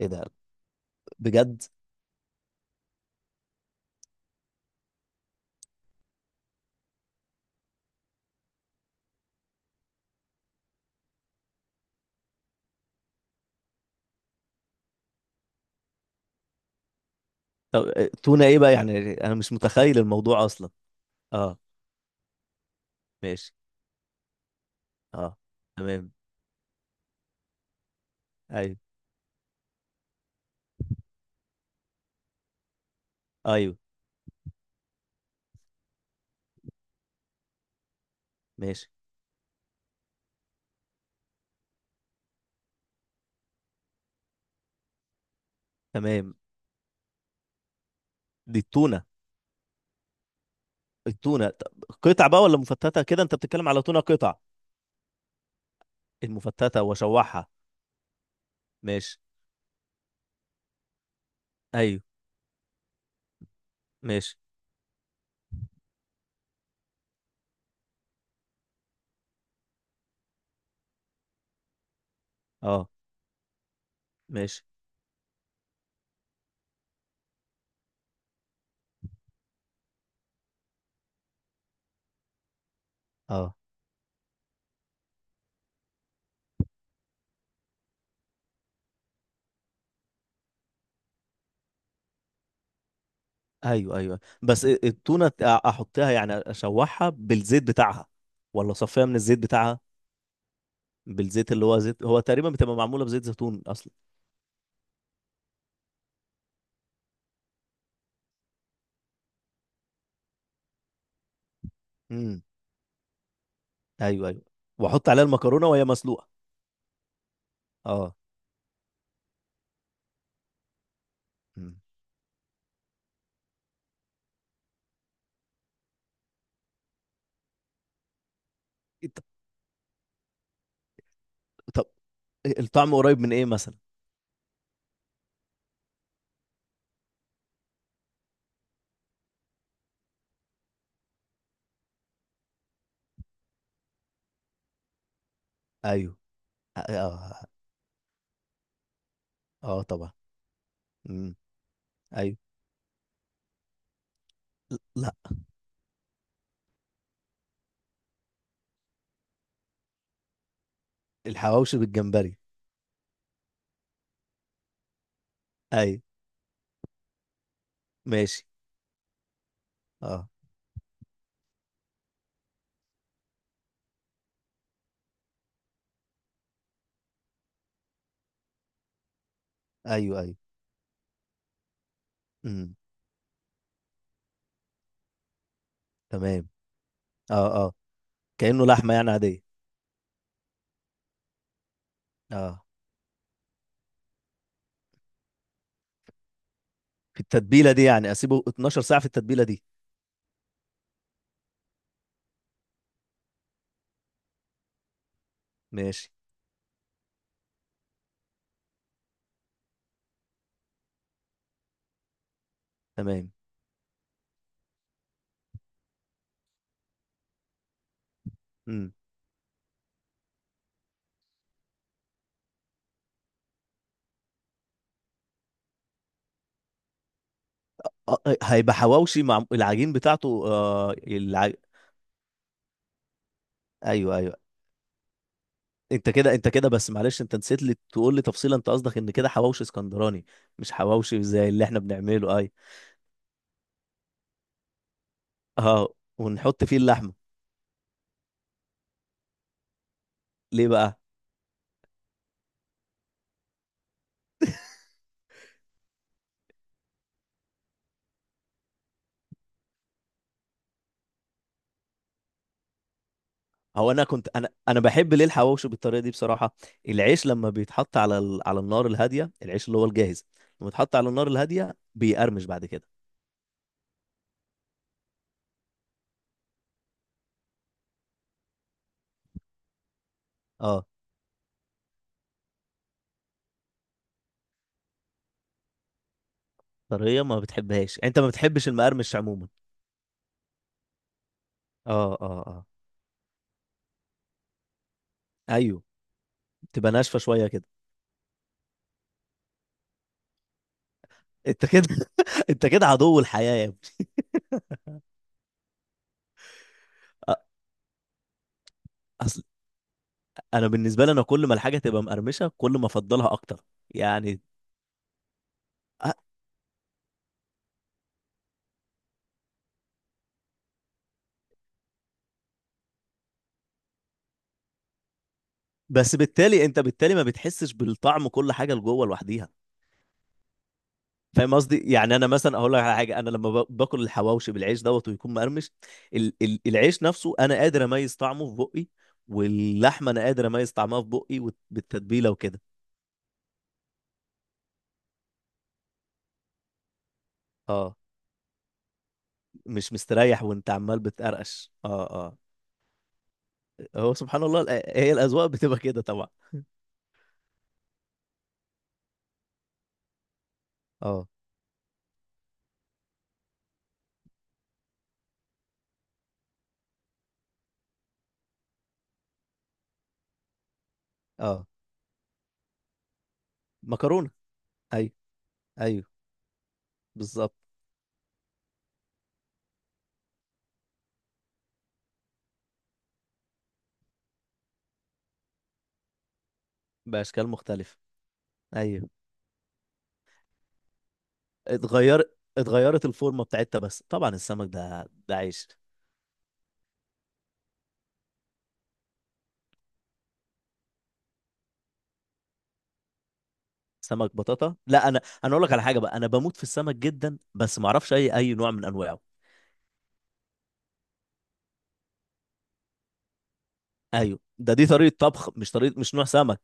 ايه ده؟ بجد؟ طب، تونة ايه بقى؟ يعني انا مش متخيل الموضوع اصلا. اه. ماشي. اه. تمام. ايوه، ايوه. ماشي. تمام. دي التونة؟ التونة طب قطع بقى ولا مفتتة كده؟ انت بتتكلم على تونة قطع؟ المفتتة واشوحها. ماشي. ايوه. ماشي. اه. ماشي. اه. ايوه، ايوه، بس التونة احطها يعني اشوحها بالزيت بتاعها، ولا اصفيها من الزيت بتاعها؟ بالزيت اللي هو زيت، هو تقريبا بتبقى معمولة بزيت زيتون اصلا. امم. ايوه، ايوه، واحط عليها المكرونه وهي مسلوقه. اه. مم. إت- طب الطعم قريب من ايه مثلا؟ ايوه. اه، اه. طبعا. مم. ايوه. لا. الحواوشي بالجمبري؟ ايوه. ماشي. اه. ايوه، ايوه. مم. تمام. اه، اه. كانه لحمه يعني عاديه. اه، في التتبيله دي يعني اسيبه 12 ساعه في التتبيله دي؟ ماشي. تمام. مم. هيبقى حواوشي مع العجين بتاعته آه، ايوه، ايوه. انت كده، انت كده، بس معلش انت نسيت لي تقول لي تفصيلة. انت قصدك ان كده حواوشي اسكندراني مش حواوشي زي اللي احنا بنعمله اي؟ اه، ونحط فيه اللحمة. ليه بقى؟ هو انا كنت، انا بحب ليه الحواوشي بالطريقة دي بصراحة. العيش لما بيتحط على النار الهادية، العيش اللي هو الجاهز، لما يتحط على النار الهادية بيقرمش بعد كده. اه. طريقة ما بتحبهاش، انت ما بتحبش المقرمش عموما؟ اه، اه، اه. ايوه، تبقى ناشفة شوية كده. انت كده انت كده عدو الحياة يا ابني. انا بالنسبه لي، انا كل ما الحاجه تبقى مقرمشه كل ما افضلها اكتر. يعني أ- بس بالتالي انت، بالتالي ما بتحسش بالطعم، كل حاجه لجوه لوحديها. فاهم قصدي يعني؟ انا مثلا اقول لك على حاجه، انا لما باكل الحواوشي بالعيش دوت ويكون مقرمش، ال ال العيش نفسه انا قادر اميز طعمه في بقي، واللحمه انا قادر اميز طعمها في بقي بالتتبيله وكده. اه، مش مستريح وانت عمال بتقرقش. اه، اه. هو سبحان الله هي الاذواق بتبقى كده طبعا. اه، اه. مكرونه. ايوه، ايوه. بالظبط. بأشكال مختلفة. أيوه. اتغير اتغيرت الفورمة بتاعتها. بس طبعا السمك ده عيش. سمك بطاطا؟ لا، أنا أقول لك على حاجة بقى، أنا بموت في السمك جدا بس ما أعرفش أي نوع من أنواعه. أيوه، ده دي طريقة طبخ، مش طريقة، مش نوع سمك.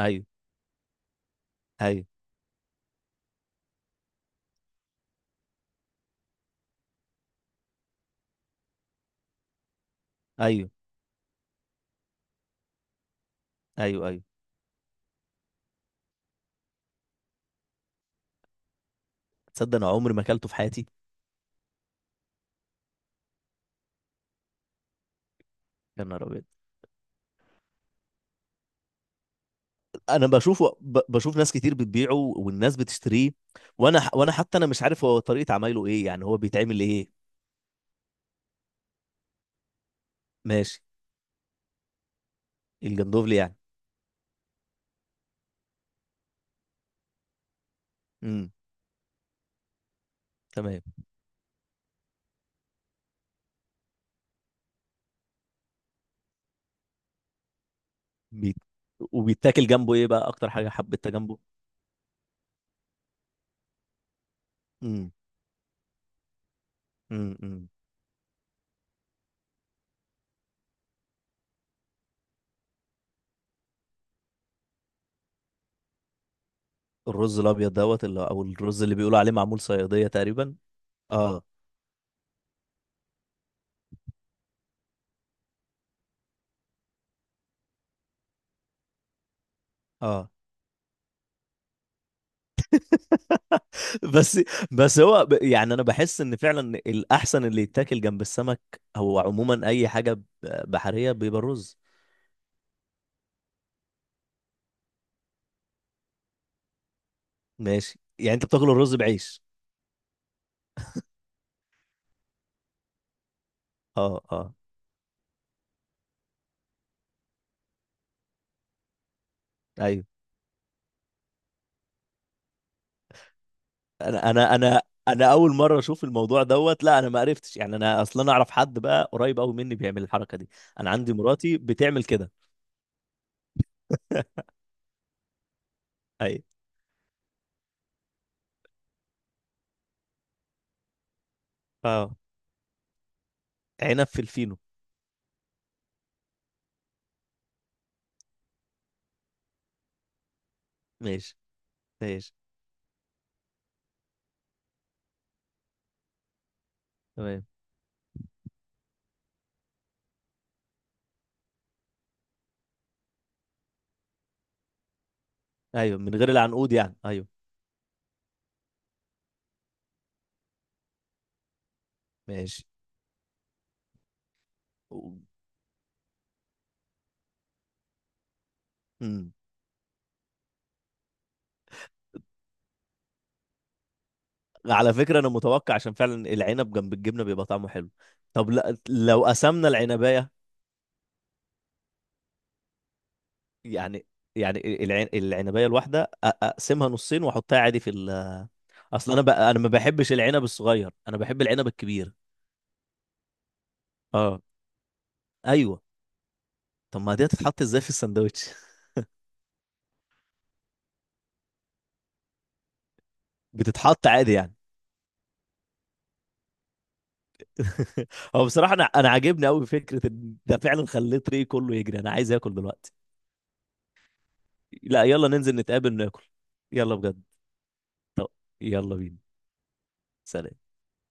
أيوه، أيوه. أيوه، أيوه، أيوه. تصدق أنا عمري ما أكلته في حياتي. يا نهار أبيض! أنا بشوفه بشوف ناس كتير بتبيعه والناس بتشتريه، وأنا حتى أنا مش عارف هو طريقة عمايله إيه، يعني هو بيتعمل إيه؟ ماشي. الجندوفلي يعني؟ امم. تمام. بيت... وبيتاكل جنبه ايه بقى؟ اكتر حاجه حبيتها جنبه. امم. امم. الرز الابيض دوت اللي، او الرز اللي بيقولوا عليه معمول صياديه تقريبا. اه، اه. بس بس هو يعني انا بحس ان فعلا الاحسن اللي يتاكل جنب السمك او عموما اي حاجه بحريه بيبقى الرز. ماشي، يعني انت بتاكل الرز بعيش؟ اه، اه. ايوه. انا انا انا انا اول مره اشوف الموضوع دوت، لا انا ما عرفتش، يعني انا اصلا اعرف حد بقى قريب قوي مني بيعمل الحركه دي. انا عندي مراتي بتعمل كده. ايوه. اه، عنب في الفينو؟ ماشي. ماشي. تمام. ايوه، من غير العنقود يعني؟ ايوه. ماشي. و- مم. على فكرة انا متوقع، عشان فعلا العنب جنب الجبنة بيبقى طعمه حلو. طب لا، لو قسمنا العنباية؟ يعني يعني العنباية الواحدة، اقسمها نصين واحطها عادي في ال. اصل انا انا ما بحبش العنب الصغير، انا بحب العنب الكبير. اه. ايوه. طب ما دي هتتحط ازاي في الساندوتش؟ بتتحط عادي يعني؟ هو بصراحة أنا عاجبني أوي فكرة إن ده، فعلا خليت ريه كله يجري، أنا عايز آكل دلوقتي. لا يلا ننزل نتقابل ناكل. يلا بجد. طب يلا بينا. سلام.